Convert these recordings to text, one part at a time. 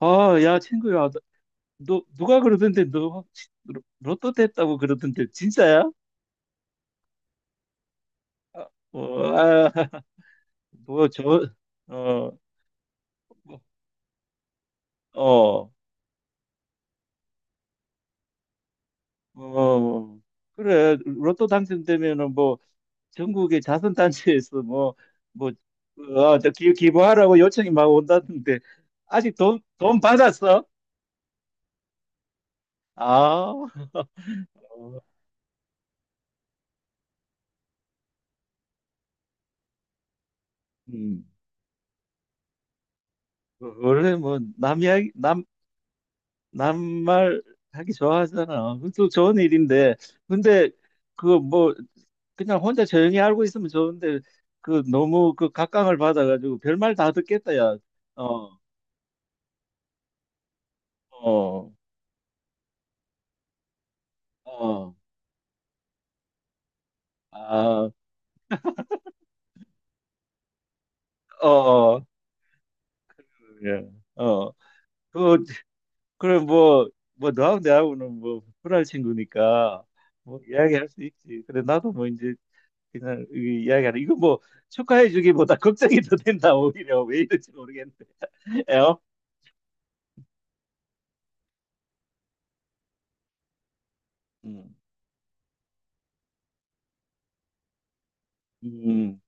아, 야, 친구야, 너, 누가 그러던데 너 혹시 로또 됐다고 그러던데 진짜야? 아, 어, 아, 뭐 저, 어, 뭐, 어, 어, 어, 그래, 로또 당첨되면은 뭐 전국의 자선단체에서 뭐, 뭐, 어, 저 기부하라고 요청이 막 온다던데 아직 돈 받았어? 아, 어, 음, 어, 원래 뭐 남 이야기, 남 남말 하기 좋아하잖아. 그것도 좋은 일인데. 근데 그 뭐 그냥 혼자 조용히 알고 있으면 좋은데, 그 너무 그 각광을 받아가지고 별말 다 듣겠다 야. 어, 어, 어, 아, 어, 어, 예, 어. 그 그래 뭐 너하고 내하고는 뭐 불알 친구니까 뭐 이야기할 수 있지. 그래 나도 뭐 이제 그냥 이 이야기하는 이거 뭐 축하해주기보다 걱정이 더 된다. 오히려 왜 이런지 모르겠네. 에어? 음,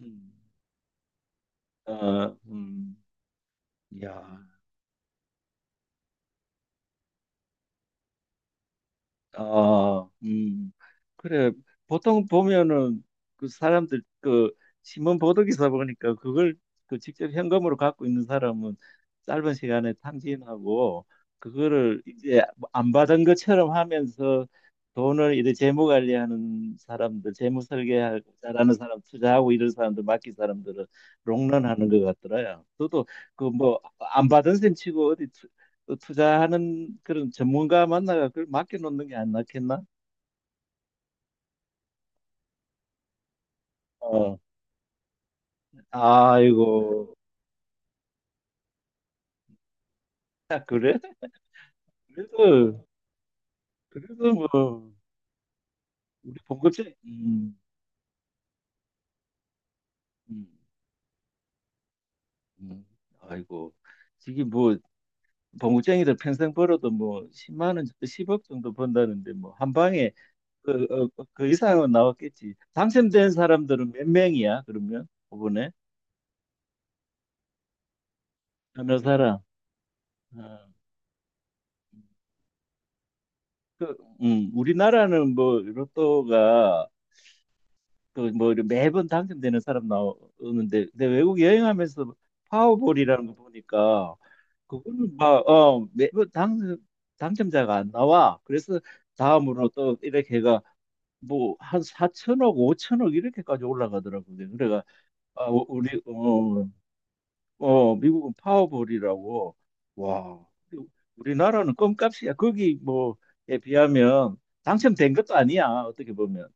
음, 어, 야, 아, 그래. 보통 보면은 그 사람들, 그 신문 보도 기사 보니까 그걸, 그 직접 현금으로 갖고 있는 사람은 짧은 시간에 탕진하고, 그거를 이제 뭐 안 받은 것처럼 하면서 돈을 이제 재무 관리하는 사람들, 재무 설계 잘하는 사람, 투자하고 이런 사람들, 맡긴 사람들은 롱런하는 것 같더라요. 저도 그 뭐 안 받은 셈 치고 어디 어, 투자하는 그런 전문가 만나가 그걸 맡겨놓는 게 안 낫겠나? 어. 아이고, 아, 그래? 그래도, 그래도 뭐, 우리 봉급쟁이, 음, 음. 아이고, 이게 뭐, 봉급쟁이들 평생 벌어도 뭐, 10만 원, 10억 정도 번다는데, 뭐, 한 방에, 그, 어, 어, 그 이상은 나왔겠지. 당첨된 사람들은 몇 명이야, 그러면? 이번에? 어느 사람? 어. 그, 우리나라는 뭐, 로또가, 그뭐 매번 당첨되는 사람 나오는데, 근데 외국 여행하면서 파워볼이라는 거 보니까, 그거는 막어 매번 당 당첨자가 안 나와. 그래서 다음으로 또 이렇게 해가 뭐 한 4천억 5천억 이렇게까지 올라가더라고요. 그래가 아, 우리 어, 어 미국은 파워볼이라고. 와, 우리나라는 껌값이야 거기 뭐에 비하면. 당첨된 것도 아니야 어떻게 보면.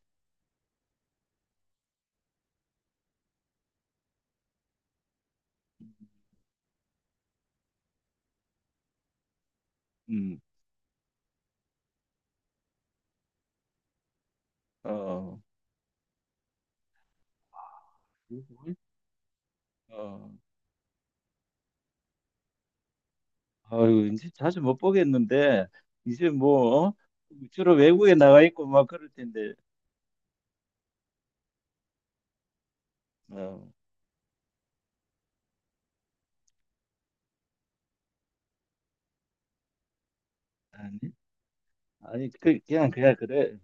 음, 어. 어, 아유, 이제 자주 못 보겠는데, 이제 뭐, 어? 주로 외국에 나가 있고 막 그럴 텐데, 어, 아니, 아니, 그, 그냥, 그냥 그래.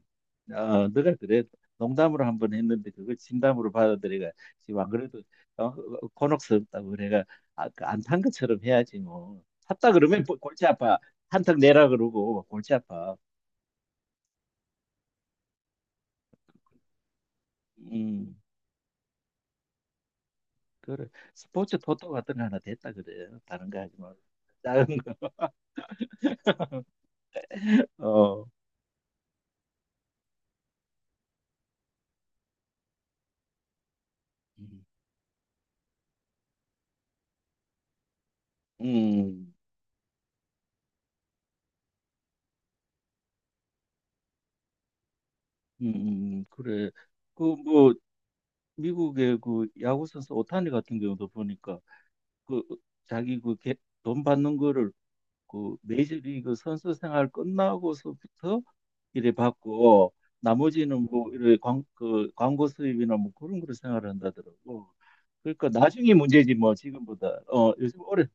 어, 너가 그래. 농담으로 한 번 했는데, 그걸 진담으로 받아들여가, 지금 안 그래도, 어, 어, 곤혹스럽다고 그래가, 아, 그 안탄 것처럼 해야지, 뭐. 탔다 그러면 골치 아파. 한턱 내라 그러고, 골치 아파. 음, 그래. 스포츠 토토 같은 거 하나 됐다 그래. 다른 거 하지 말고. 작은 거. 어. 음, 음, 그래. 그, 뭐, 미국의 그 야구선수 오타니 같은 경우도 보니까, 그, 자기 그 돈 받는 거를, 그 메이저리그 선수 생활 끝나고서부터 이래 받고, 나머지는 뭐, 이래 광, 그 광고 수입이나 뭐 그런 거로 생활한다더라고. 그러니까 나중에 문제지 뭐, 지금보다. 어, 요즘 오래,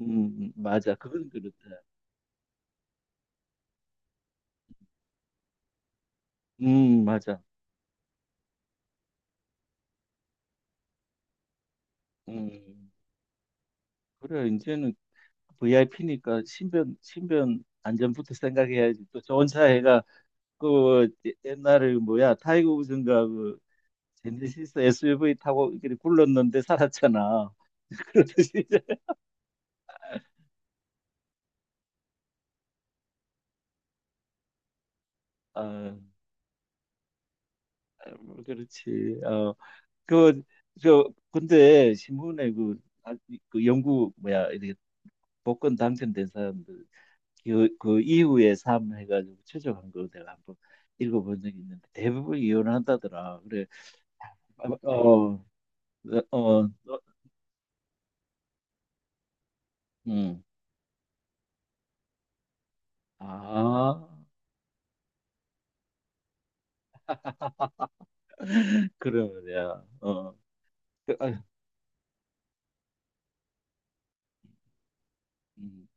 음, 맞아. 그건 그렇다. 맞아. 음, 그래. 이제는 VIP니까 신변 안전부터 생각해야지. 또 좋은 차 해가, 그 옛날에 뭐야 타이거 우즈인가, 그 제네시스 SUV 타고 이렇게 굴렀는데 살았잖아. 그러듯이 이제 아 뭐 그렇지. 어그저 근데 신문에 그, 아, 그 영국 뭐야 이렇게 복권 당첨된 사람들, 그, 그 이후의 삶 해가지고 최적한 거 내가 한번 읽어본 적이 있는데, 대부분 이혼한다더라. 그래. 어, 네, 어, 음. 아, 그러면야, 어, 그, 아, 음.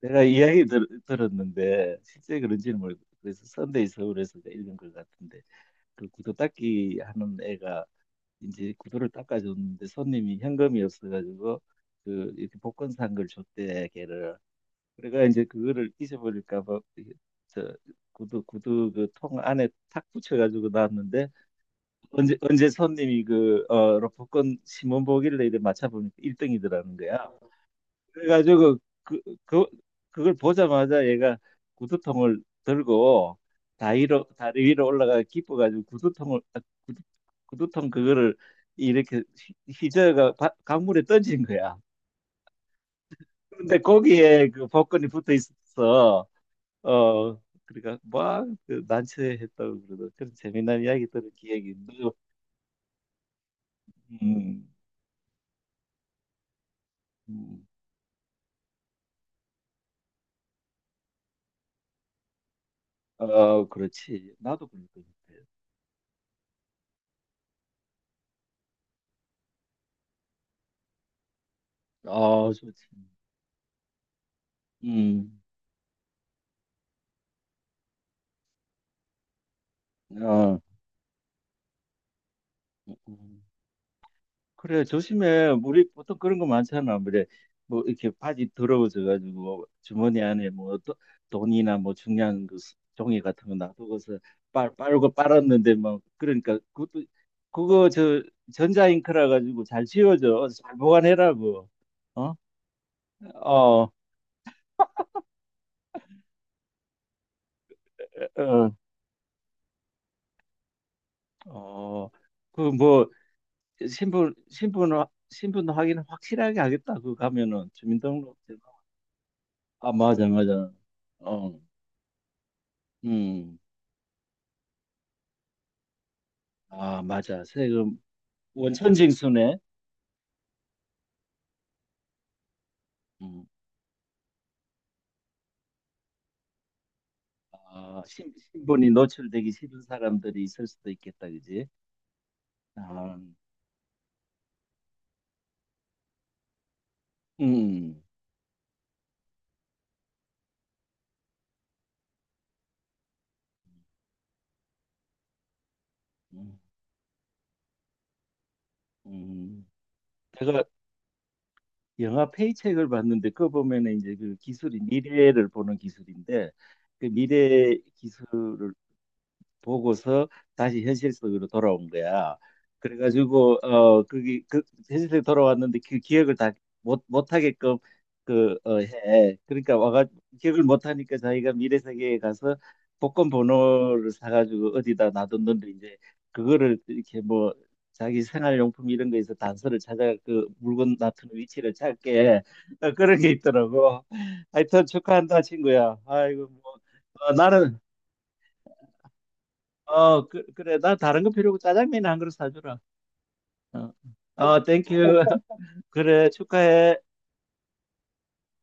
내가 이야기 들었는데 실제 그런지는 모르고 겠 그래서, 선데이 서울에서 내가 읽은 것 같은데, 그 구두 닦기 하는 애가 이제 구두를 닦아줬는데, 손님이 현금이 없어가지고 그 이렇게 복권 산 걸 줬대, 걔를. 그래가 이제 그거를 잊어버릴까 봐 이게 저 구두 그 통 안에 탁 붙여가지고 놨는데, 언제 손님이 그 어, 로프콘 신문 보길래 이래 맞춰보니까 1등이더라는 거야. 그래가지고 그, 그 그걸 보자마자 얘가 구두통을 들고 다리로 다리 위로 올라가 기뻐가지고 구두통을 아, 구두, 구두통 그거를 이렇게 휘저어가 강물에 던진 거야. 근데 거기에 그 복근이 붙어 있어. 어, 그러니까 막그 난처했다고 그러더 그런 재미난 이야기 들은 기억이 있는 음. 음. 아, 그렇지. 나도 그러니까. 아, 좋지. 음, 아, 음. 그래, 조심해. 우리 보통 그런 거 많잖아. 그래, 뭐, 이렇게 바지 더러워져가지고, 주머니 안에 뭐, 돈이나 뭐, 중요한 그 종이 같은 거 놔두고서 빨고 빨았는데, 뭐, 그러니까, 그것도, 그거 저, 전자잉크라 가지고 잘 지워져. 잘 보관해라고. 어? 어, 어, 어. 그뭐 신분 확인 확실하게 하겠다. 그 가면은 주민등록증. 아 맞아, 맞아. 어, 음, 아 맞아. 세금 원천 징수네. 음, 아 신분이 노출되기 싫은 사람들이 있을 수도 있겠다, 그지? 아, 음, 음, 음. 제가 영화 페이첵을 봤는데, 그거 보면은 이제 그 기술이 미래를 보는 기술인데, 그 미래 기술을 보고서 다시 현실 속으로 돌아온 거야. 그래가지고 어 거기 그 현실 속에 돌아왔는데, 그 기억을 다 못 못하게끔 그 어 해. 그러니까 와가 기억을 못하니까, 자기가 미래 세계에 가서 복권 번호를 사가지고 어디다 놔뒀는데, 이제 그거를 이렇게 뭐 자기 생활용품 이런 거에서 단서를 찾아 그 물건 놔둔 위치를 찾게, 어, 그런 게 있더라고. 하여튼 축하한다 친구야. 아이고 뭐, 어, 나는 어, 그래. 나 다른 거 필요 없고 짜장면 한 그릇 사주라. 어, 어, 땡큐. 그래, 축하해.